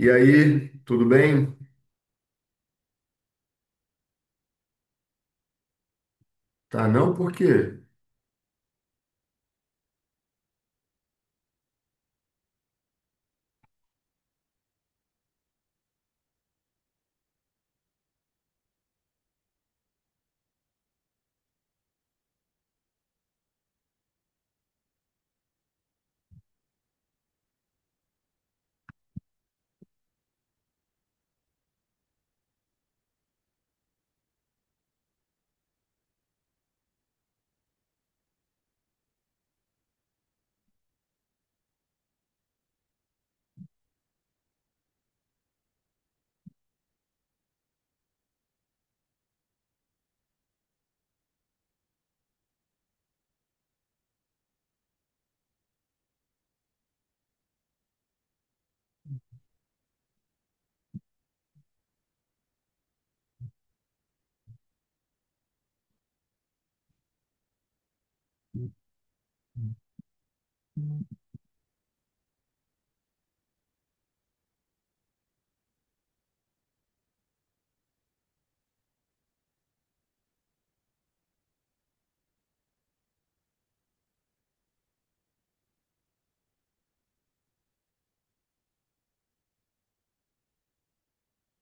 E aí, tudo bem? Tá, não? Por quê?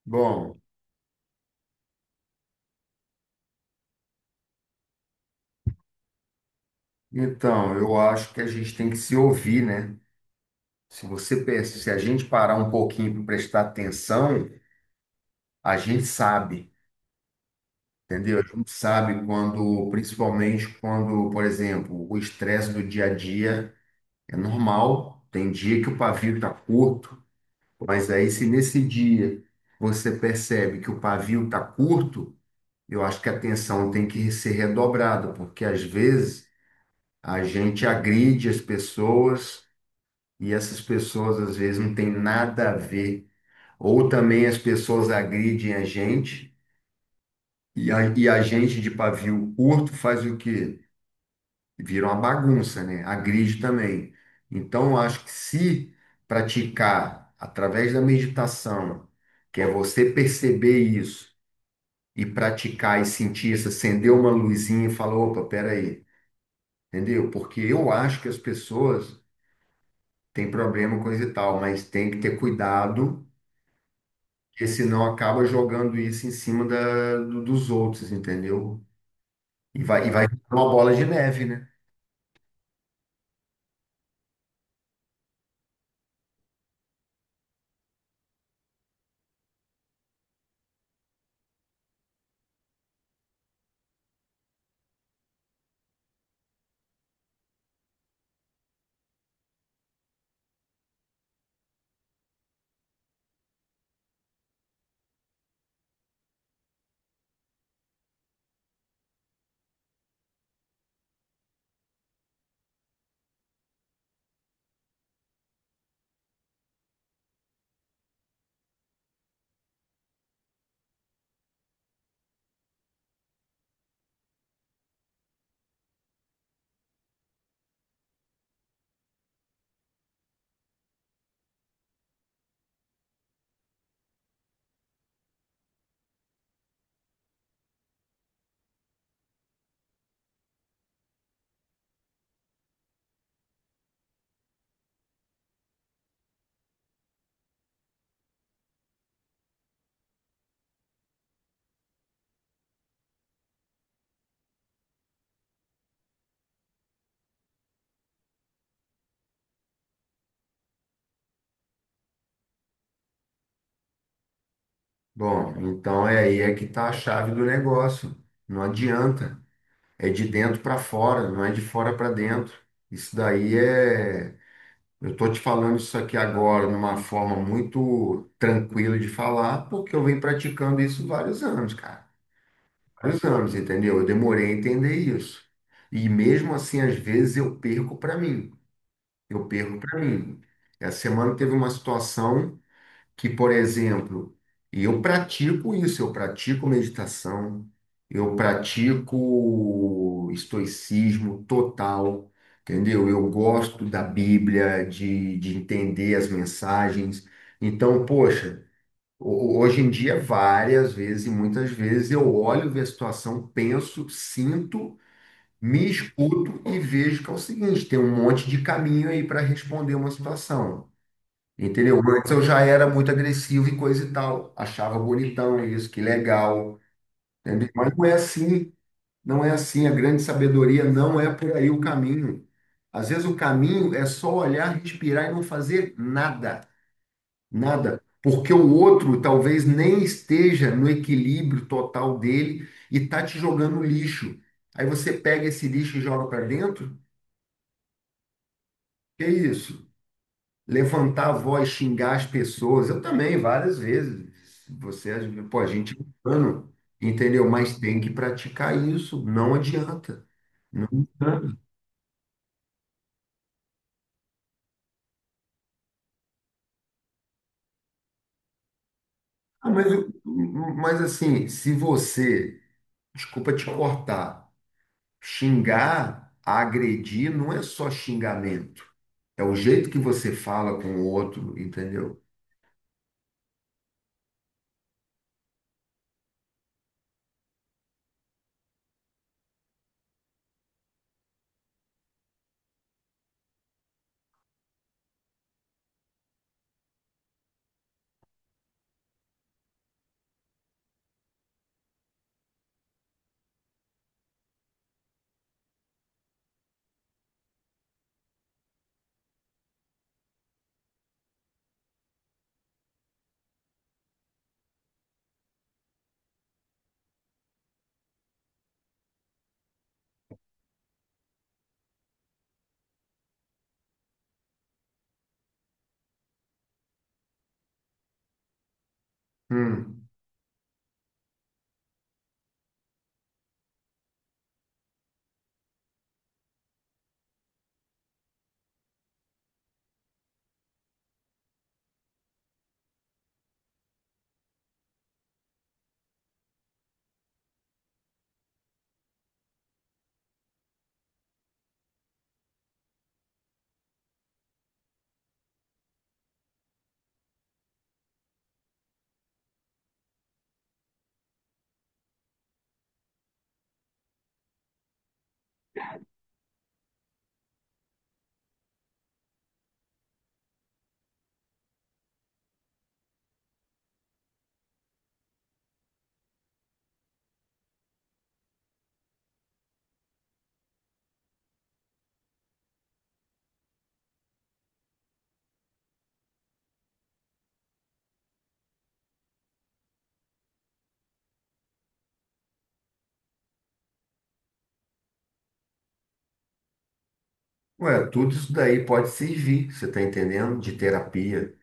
Bom, então, eu acho que a gente tem que se ouvir, né? Se você pensa, se a gente parar um pouquinho para prestar atenção, a gente sabe, entendeu? A gente sabe quando, principalmente quando, por exemplo, o estresse do dia a dia é normal, tem dia que o pavio tá curto, mas aí se nesse dia você percebe que o pavio tá curto, eu acho que a atenção tem que ser redobrada, porque às vezes a gente agride as pessoas e essas pessoas às vezes não têm nada a ver. Ou também as pessoas agridem a gente e a gente de pavio curto faz o quê? Vira uma bagunça, né? Agride também. Então, eu acho que se praticar através da meditação, que é você perceber isso e praticar e sentir isso, acender uma luzinha e falar, opa, peraí, entendeu? Porque eu acho que as pessoas tem problema, com isso e tal, mas tem que ter cuidado, porque senão acaba jogando isso em cima dos outros, entendeu? E vai virar uma bola de neve, né? Bom, então é aí que tá a chave do negócio. Não adianta. É de dentro para fora, não é de fora para dentro. Isso daí é. Eu tô te falando isso aqui agora numa forma muito tranquila de falar, porque eu venho praticando isso vários anos, cara. Vários anos, entendeu? Eu demorei a entender isso. E mesmo assim, às vezes eu perco para mim. Essa semana teve uma situação que, por exemplo, e eu pratico isso, eu pratico meditação, eu pratico estoicismo total, entendeu? Eu gosto da Bíblia, de entender as mensagens. Então, poxa. Hoje em dia, várias vezes e muitas vezes eu olho, vejo a situação, penso, sinto, me escuto e vejo que é o seguinte, tem um monte de caminho aí para responder uma situação. Entendeu? Antes eu já era muito agressivo e coisa e tal, achava bonitão isso, que legal, entendeu? Mas não é assim, não é assim, a grande sabedoria não é por aí o caminho. Às vezes o caminho é só olhar, respirar e não fazer nada. Nada, porque o outro talvez nem esteja no equilíbrio total dele e tá te jogando lixo. Aí você pega esse lixo e joga para dentro? Que isso? Levantar a voz, xingar as pessoas. Eu também, várias vezes. Você, pô, a gente é humano, entendeu? Mas tem que praticar isso, não adianta. Ah, mas, eu- mas assim, se você, desculpa te cortar, xingar, agredir, não é só xingamento. É o jeito que você fala com o outro, entendeu? Hum. Ué, tudo isso daí pode servir, você está entendendo? De terapia.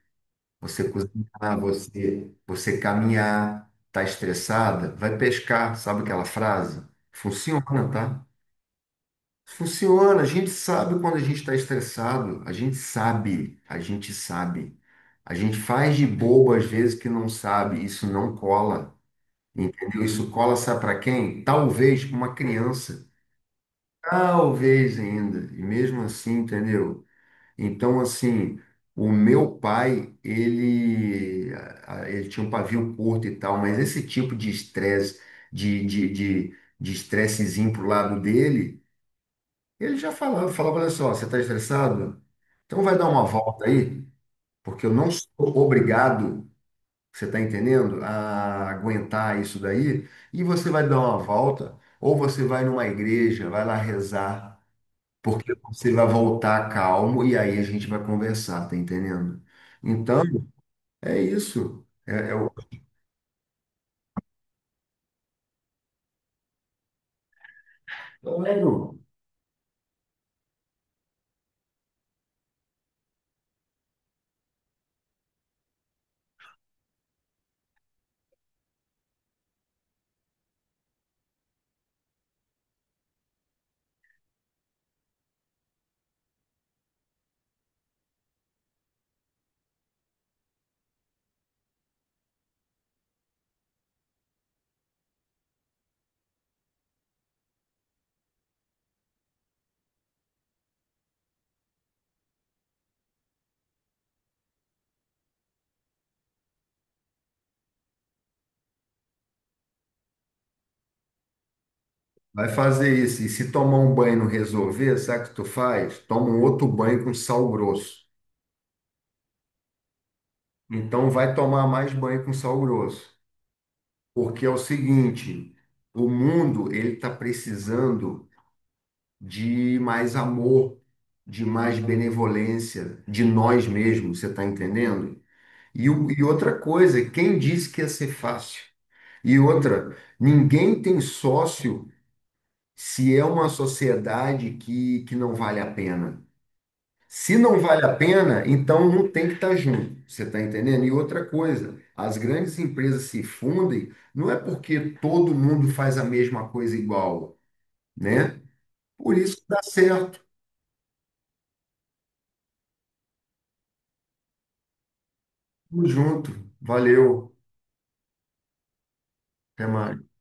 Você cozinhar, você, você caminhar, tá estressada, vai pescar, sabe aquela frase? Funciona, tá? Funciona, a gente sabe quando a gente está estressado, a gente sabe, a gente sabe. A gente faz de bobo às vezes que não sabe, isso não cola. Entendeu? Isso cola, sabe para quem? Talvez uma criança. Talvez ainda. E mesmo assim, entendeu? Então, assim, o meu pai, ele, ele tinha um pavio curto e tal, mas esse tipo de estresse, de estressezinho pro lado dele, ele já falava, falava, olha só, você está estressado? Então vai dar uma volta aí, porque eu não sou obrigado, você está entendendo? A aguentar isso daí. E você vai dar uma volta, ou você vai numa igreja, vai lá rezar, porque você vai voltar calmo e aí a gente vai conversar, tá entendendo? Então, é isso. É, é o... Claro. Vai fazer isso. E se tomar um banho e não resolver, sabe o que tu faz? Toma um outro banho com sal grosso. Então, vai tomar mais banho com sal grosso. Porque é o seguinte, o mundo, ele está precisando de mais amor, de mais benevolência de nós mesmos, você está entendendo? E outra coisa, quem disse que ia ser fácil? E outra, ninguém tem sócio se é uma sociedade que não vale a pena. Se não vale a pena, então não tem que estar junto, você está entendendo? E outra coisa, as grandes empresas se fundem não é porque todo mundo faz a mesma coisa igual, né? Por isso que dá certo. Tamo junto. Valeu. Até mais.